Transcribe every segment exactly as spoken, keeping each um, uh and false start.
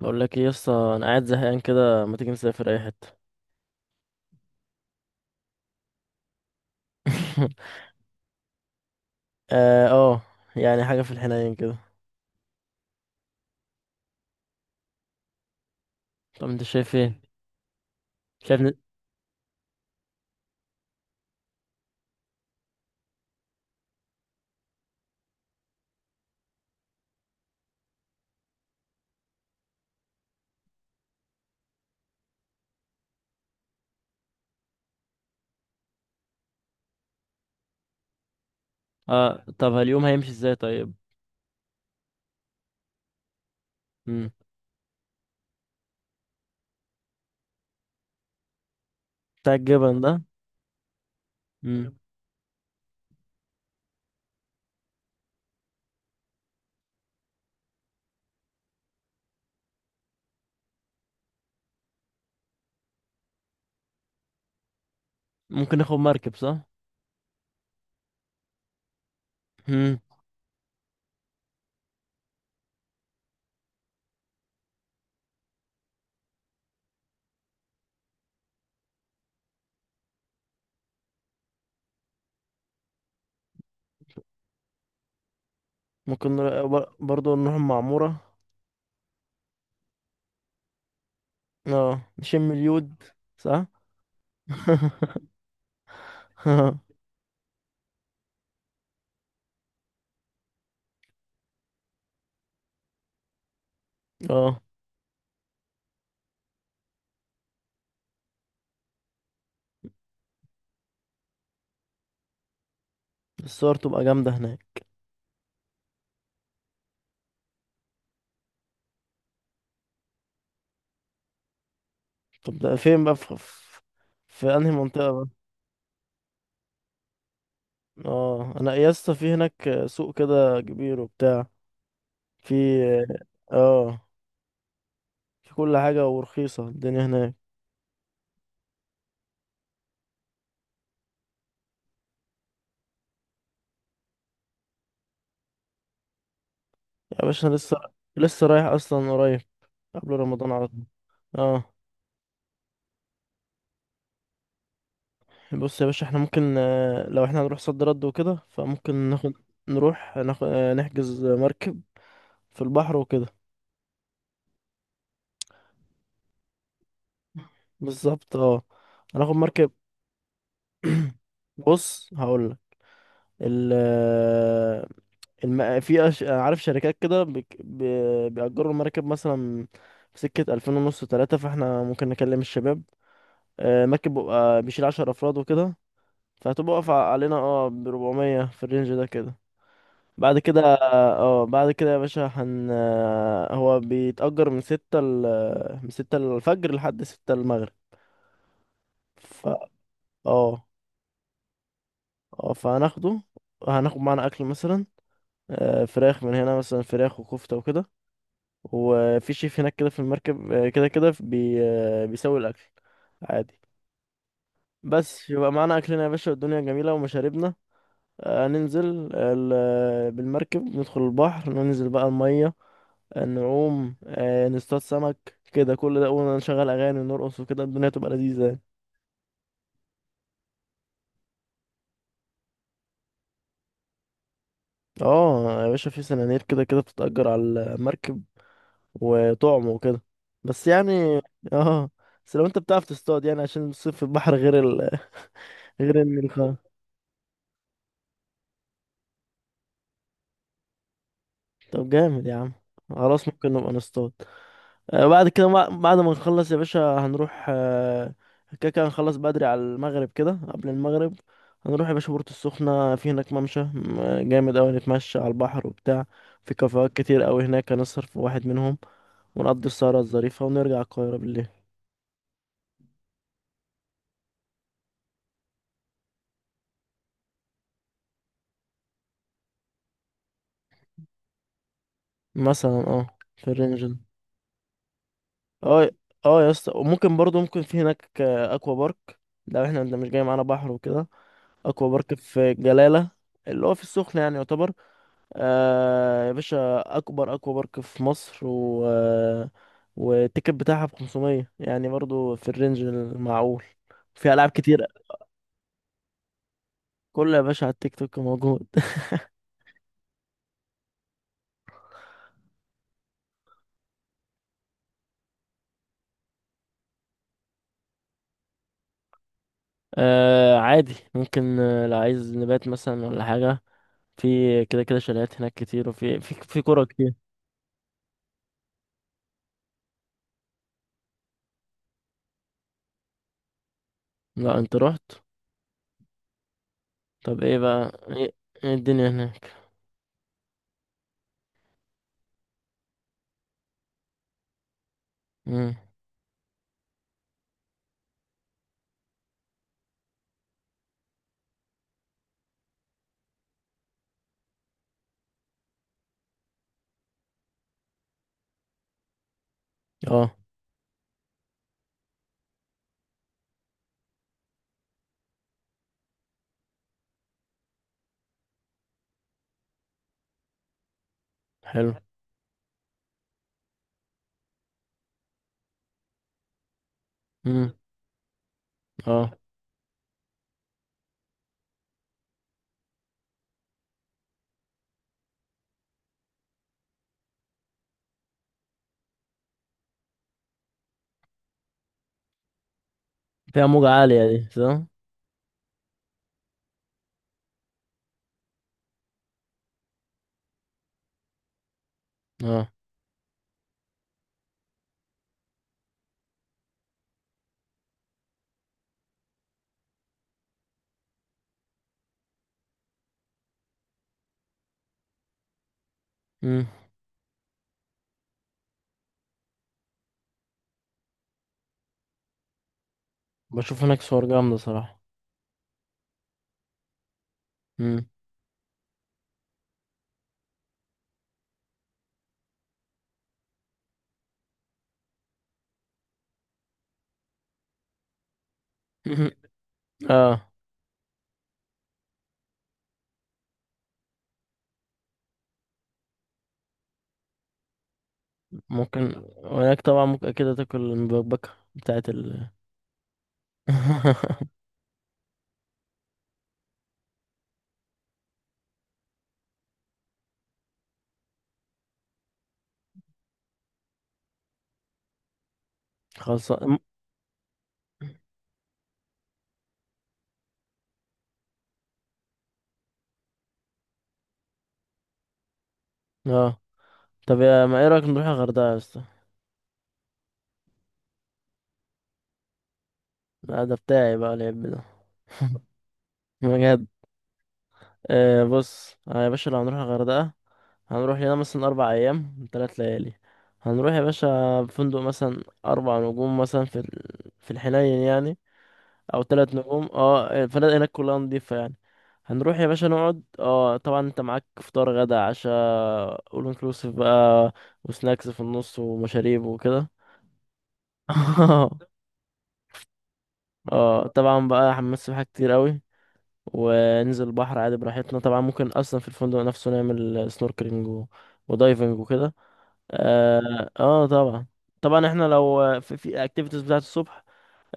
بقول لك ايه يا اسطى. انا قاعد زهقان كده، ما تيجي نسافر اي حته؟ اه آه، يعني حاجه في الحنين كده. طب انت شايف ايه؟ شايف ن... اه طب اليوم هيمشي ازاي طيب؟ امم. بتاع الجبل ده؟ امم. ممكن ناخد مركب صح؟ مم. ممكن نر- بر- برضه نروح المعموره. اه، نشم اليود. صح. اه، الصور تبقى جامده هناك. طب ده فين بقى في, في في انهي منطقه بقى؟ اه، انا يا اسطى في هناك سوق كده كبير وبتاع. في. اه، في كل حاجة ورخيصة، الدنيا هناك. يا باشا أنا لسه لسه رايح أصلا قريب، قبل رمضان على طول. اه. بص يا باشا احنا ممكن، آه، لو احنا هنروح صد رد وكده، فممكن ناخد نروح ناخد، آه، نحجز مركب في البحر وكده. بالظبط، اه، هناخد مركب. بص هقولك، ال آه، الم... في أش... عارف شركات كده بك... ب... بيأجروا المركب مثلا في سكة ألفين ونص تلاتة، فاحنا ممكن نكلم الشباب. آه، مركب بيبقى بيشيل عشر أفراد وكده، فهتبقى واقفة علينا، اه، بربعمية في الرينج ده كده. بعد كده اه آه، بعد كده يا باشا، هن آه، هو بيتأجر من ستة ل من ستة الفجر لحد ستة المغرب. ف اه. اه، فهناخده، هناخد معانا أكل مثلا، آه، فراخ من هنا، مثلا فراخ وكفتة وكده. وفي شيف هناك كده في المركب، آه، كده كده بي... آه، بيسوي الأكل عادي. بس يبقى معانا أكلنا يا باشا، والدنيا جميلة ومشاربنا. آه، ننزل ال- آه، بالمركب ندخل البحر، ننزل بقى المية، آه، نعوم، آه، نصطاد سمك، كده كل ده، ونشغل أغاني ونرقص وكده، الدنيا تبقى لذيذة يعني. اه يا باشا، في سنانير كده كده بتتأجر على المركب وطعم وكده، بس يعني. اه. بس لو انت بتعرف تصطاد، يعني عشان الصيد في البحر غير ال... غير النيل خالص. طب جامد يا عم، خلاص ممكن نبقى نصطاد. آه، بعد كده ما- بعد ما نخلص يا باشا، هنروح، آه، كده كده هنخلص بدري على المغرب، كده قبل المغرب هنروح يا باشا بورتو السخنة. في هناك ممشى م- جامد أوي، نتمشى على البحر وبتاع. في كافيهات كتير أوي هناك، هنسهر في واحد منهم، ونقضي السهرة الظريفة ونرجع القاهرة بالليل. مثلا اه، في الرينج ده. اه. اه يا اسطى، وممكن برضو ممكن في هناك آه، اكوا بارك، لو احنا ده مش جاي معانا بحر وكده. اكوا بارك في جلالة اللي هو في السخنة، يعني يعتبر، آه يا باشا، اكبر اكوا بارك في مصر، و آه، والتيكت بتاعها ب خمسمية، يعني برضو في الرينج المعقول. في العاب كتير. كله يا باشا على التيك توك موجود. آه عادي، ممكن، آه، لو عايز نبات مثلا ولا حاجه، في كده كده شاليهات هناك كتير، وفي في في كوره كتير. لا انت رحت. طب ايه بقى ايه؟ إيه الدنيا هناك؟ امم. اه. حلو. امم. اه، فيها موجة عالية دي صح؟ اه. امم. بشوف هناك صور جامدة صراحة. مم. مهم. اه. ممكن، وهناك طبعا ممكن اكيد تاكل المبكبكة بتاعت ال خلاص. اه، طب يا ما، ايه رايك نروح الغردقة يا اسطى؟ لا، ده بتاعي بقى العيب ده، بجد. آه بص، آه يا باشا، لو هنروح الغردقة، هنروح لنا مثلا اربع ايام تلات ليالي. هنروح يا باشا فندق مثلا اربع نجوم مثلا في ال... في الحنين يعني، او ثلاث نجوم. اه، الفنادق هناك كلها نضيفة يعني. هنروح يا باشا نقعد، اه، طبعا انت معاك فطار غدا عشاء، اول انكلوسيف بقى، وسناكس في النص ومشاريب وكده. اه، طبعا بقى حمام سباحة كتير قوي، وننزل البحر عادي براحتنا. طبعا ممكن اصلا في الفندق نفسه نعمل سنوركلينج و- ودايفنج وكده. اه، آه، طبعا، طبعا احنا لو في في اكتيفيتيز بتاعت الصبح،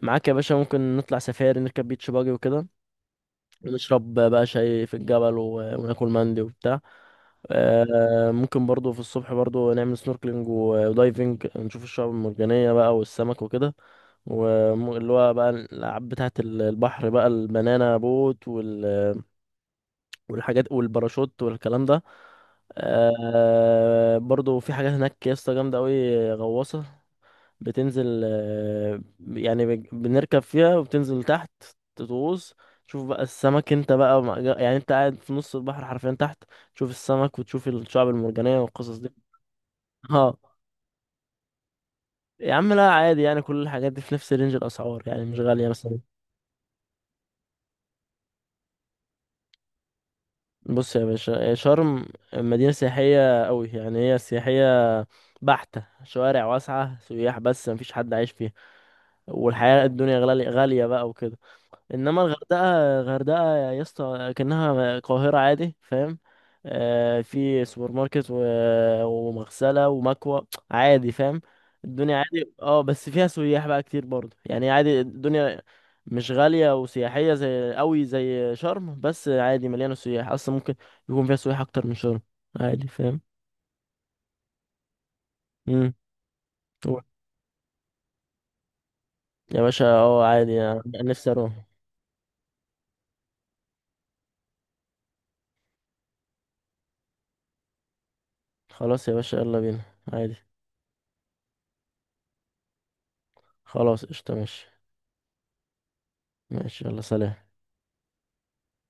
معاك يا باشا، ممكن نطلع سفاري، نركب بيتش باجي وكده، نشرب بقى شاي في الجبل، و- وناكل مندي وبتاع. آه، ممكن برضو في الصبح برضو نعمل سنوركلينج و- ودايفنج، نشوف الشعاب المرجانية بقى والسمك وكده. واللي هو بقى الألعاب بتاعة ال- البحر بقى، البنانا بوت وال... والحاجات والباراشوت والكلام ده. آه برضو في حاجات هناك يا اسطى جامدة أوي، غواصة بتنزل، آه، يعني بج- بنركب فيها وبتنزل تحت، تغوص، تشوف بقى السمك. انت بقى مع- يعني انت قاعد في نص البحر حرفيا تحت، تشوف السمك وتشوف الشعب المرجانية والقصص دي. اه. يا عم لا عادي، يعني كل الحاجات دي في نفس رينج الأسعار، يعني مش غالية مثلا. بص يا باشا، شرم مدينة سياحية قوي، يعني هي سياحية بحتة، شوارع واسعة، سياح، بس مفيش حد عايش فيها، والحياة الدنيا غالية غالية بقى وكده. انما الغردقه، الغردقه يا اسطى، كانها القاهره عادي، فاهم؟ آه في سوبر ماركت و... ومغسله ومكوى، عادي فاهم، الدنيا عادي. اه، بس فيها سياح بقى كتير برضه، يعني عادي الدنيا، مش غاليه وسياحيه زي قوي زي شرم، بس عادي مليانه سياح، اصلا ممكن يكون فيها سياح اكتر من شرم، عادي فاهم. امم. يا باشا اه، عادي انا نفسي اروح. خلاص يا باشا يلا بينا، عادي. خلاص قشطه، ماشي. ماشي، يلا، سلام.